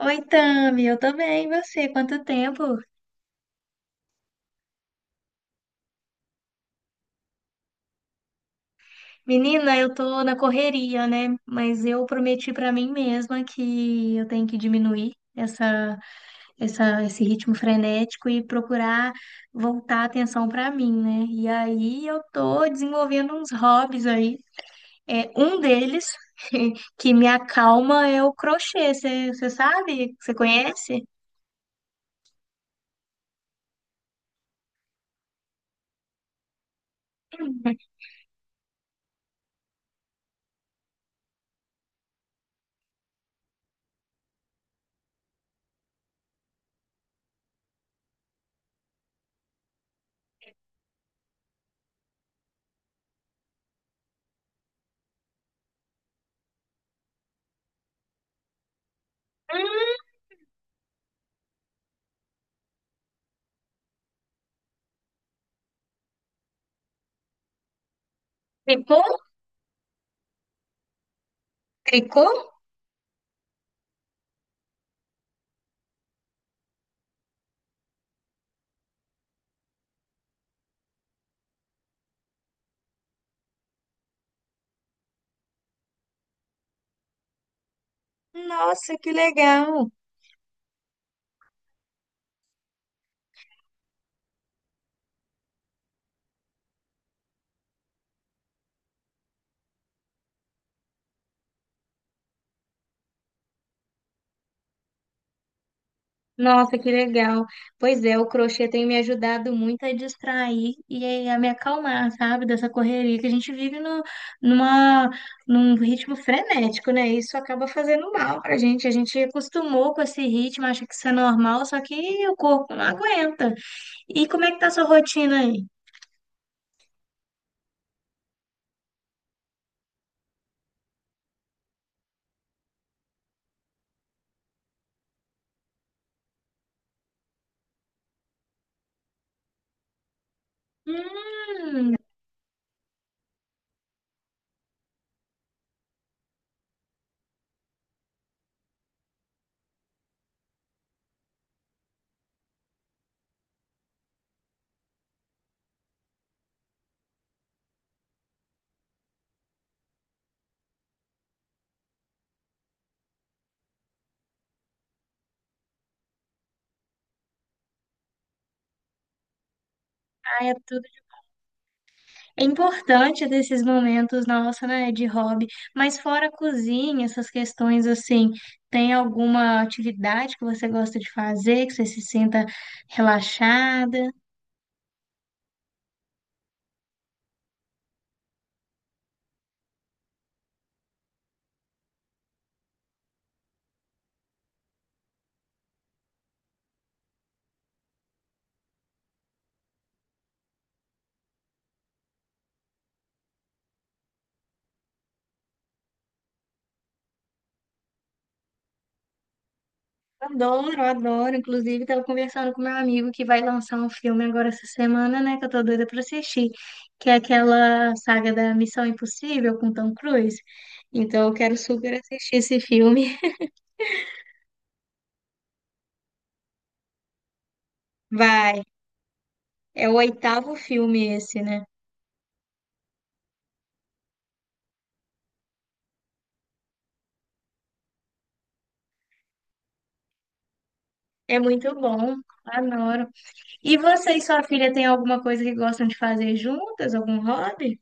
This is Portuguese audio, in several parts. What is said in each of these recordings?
Oi, Tami, eu também, e você? Quanto tempo? Menina, eu tô na correria, né? Mas eu prometi pra mim mesma que eu tenho que diminuir esse ritmo frenético e procurar voltar a atenção pra mim, né? E aí eu tô desenvolvendo uns hobbies aí. É, um deles que me acalma é o crochê. Você sabe? Você conhece? Hum, Tricô? Tricô? Nossa, que legal! Nossa, que legal. Pois é, o crochê tem me ajudado muito a distrair e a me acalmar, sabe, dessa correria que a gente vive no, numa, num ritmo frenético, né? Isso acaba fazendo mal pra gente. A gente acostumou com esse ritmo, acha que isso é normal, só que o corpo não aguenta. E como é que tá a sua rotina aí? Hum, ah, é É importante ter esses momentos, nossa, né, de hobby, mas fora a cozinha, essas questões assim, tem alguma atividade que você gosta de fazer, que você se sinta relaxada? Adoro, adoro. Inclusive, estava conversando com meu amigo que vai lançar um filme agora essa semana, né, que eu tô doida para assistir, que é aquela saga da Missão Impossível com Tom Cruise. Então, eu quero super assistir esse filme. Vai. É o oitavo filme esse, né? É muito bom. Adoro. E você e sua filha têm alguma coisa que gostam de fazer juntas? Algum hobby?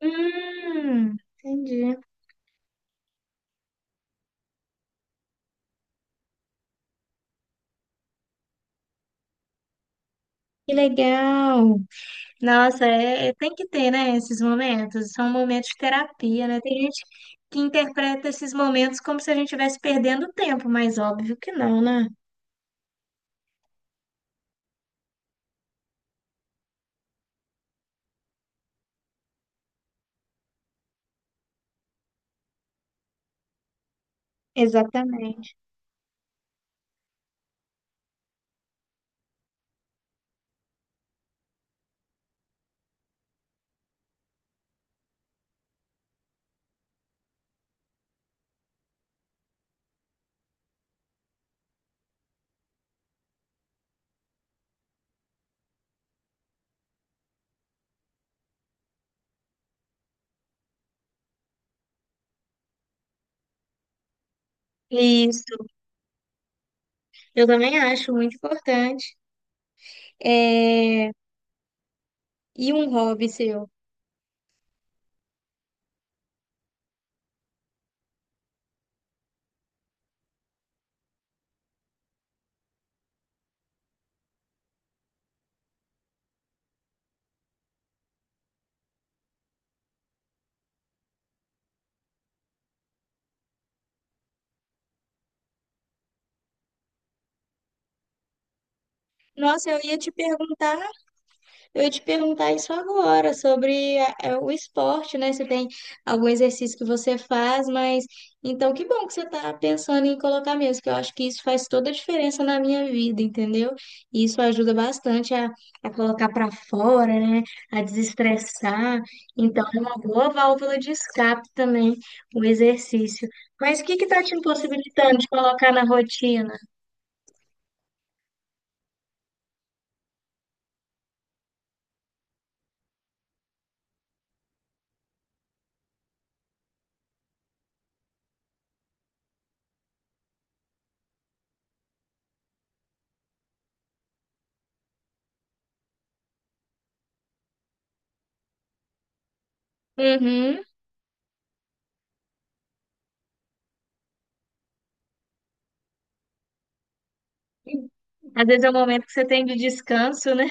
Hum, entendi. Que legal. Nossa, tem que ter, né, esses momentos. São momentos de terapia, né? Tem gente que interpreta esses momentos como se a gente estivesse perdendo tempo, mas óbvio que não, né? Exatamente. Isso. Eu também acho muito importante. É... E um hobby seu? Nossa, eu ia te perguntar Eu ia te perguntar isso agora, sobre o esporte, né? Você tem algum exercício que você faz, mas então que bom que você está pensando em colocar mesmo, que eu acho que isso faz toda a diferença na minha vida, entendeu? E isso ajuda bastante a colocar para fora, né? A desestressar. Então é uma boa válvula de escape também, o exercício. Mas o que que está te impossibilitando de colocar na rotina? Uhum. Às vezes é o momento que você tem de descanso, né?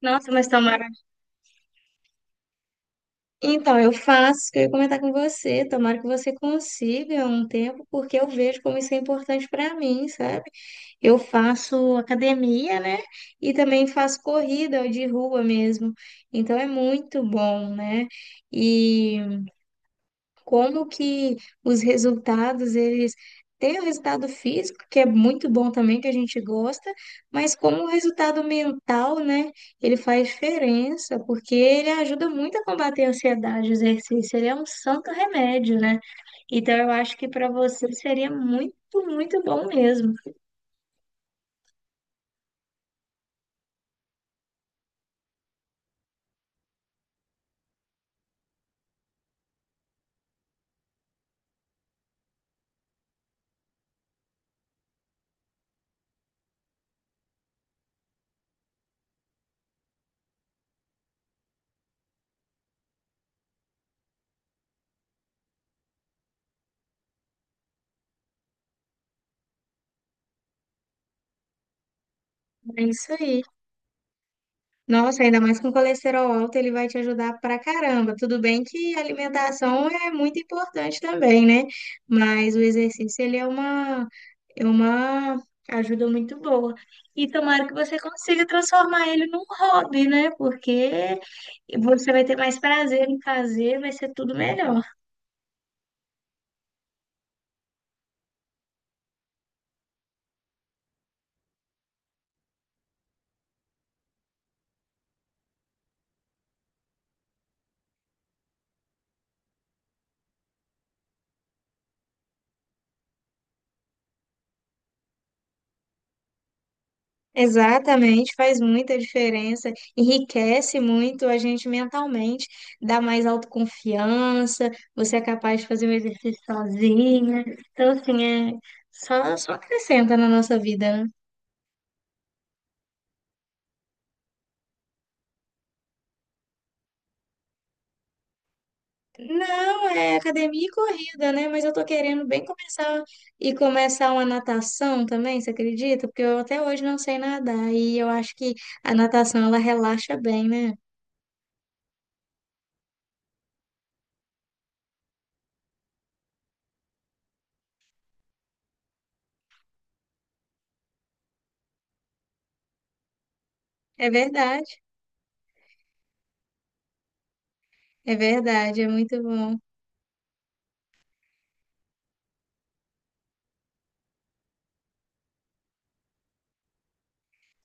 Nossa, mas tomara. Então, eu faço, isso que eu ia comentar com você, tomara que você consiga um tempo, porque eu vejo como isso é importante para mim, sabe? Eu faço academia, né? E também faço corrida de rua mesmo. Então é muito bom, né? E como que os resultados, eles têm o resultado físico, que é muito bom também, que a gente gosta, mas como o resultado mental, né, ele faz diferença, porque ele ajuda muito a combater a ansiedade, o exercício, ele é um santo remédio, né? Então eu acho que para você seria muito, muito bom mesmo. É isso aí. Nossa, ainda mais com colesterol alto, ele vai te ajudar pra caramba. Tudo bem que a alimentação é muito importante também, né? Mas o exercício, ele é é uma ajuda muito boa. E tomara que você consiga transformar ele num hobby, né? Porque você vai ter mais prazer em fazer, vai ser tudo melhor. Exatamente, faz muita diferença, enriquece muito a gente mentalmente, dá mais autoconfiança, você é capaz de fazer um exercício sozinha. Então, assim, é só acrescenta na nossa vida, né? Não, é academia e corrida, né? Mas eu tô querendo bem começar e começar uma natação também, você acredita? Porque eu até hoje não sei nadar e eu acho que a natação ela relaxa bem, né? É verdade, é verdade, é muito bom.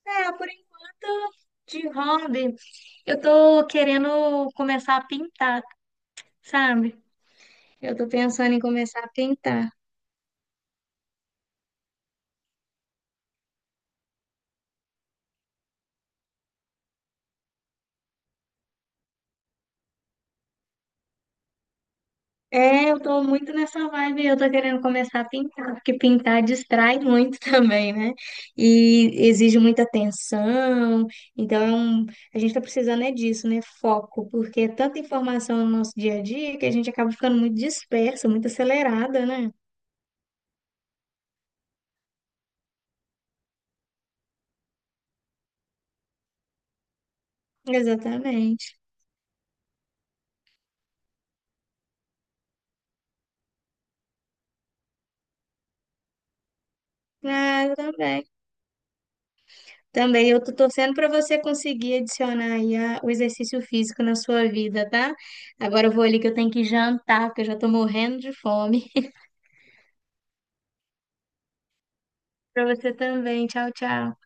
É, por enquanto, de hobby, eu tô querendo começar a pintar, sabe? Eu tô pensando em começar a pintar. É, eu tô muito nessa vibe, eu tô querendo começar a pintar, porque pintar distrai muito também, né? E exige muita atenção, então é a gente tá precisando é disso, né? Foco, porque é tanta informação no nosso dia a dia que a gente acaba ficando muito dispersa, muito acelerada, né? Exatamente. Ah, eu também. Também eu tô torcendo para você conseguir adicionar aí o exercício físico na sua vida, tá? Agora eu vou ali que eu tenho que jantar, porque eu já tô morrendo de fome. Para você também. Tchau, tchau.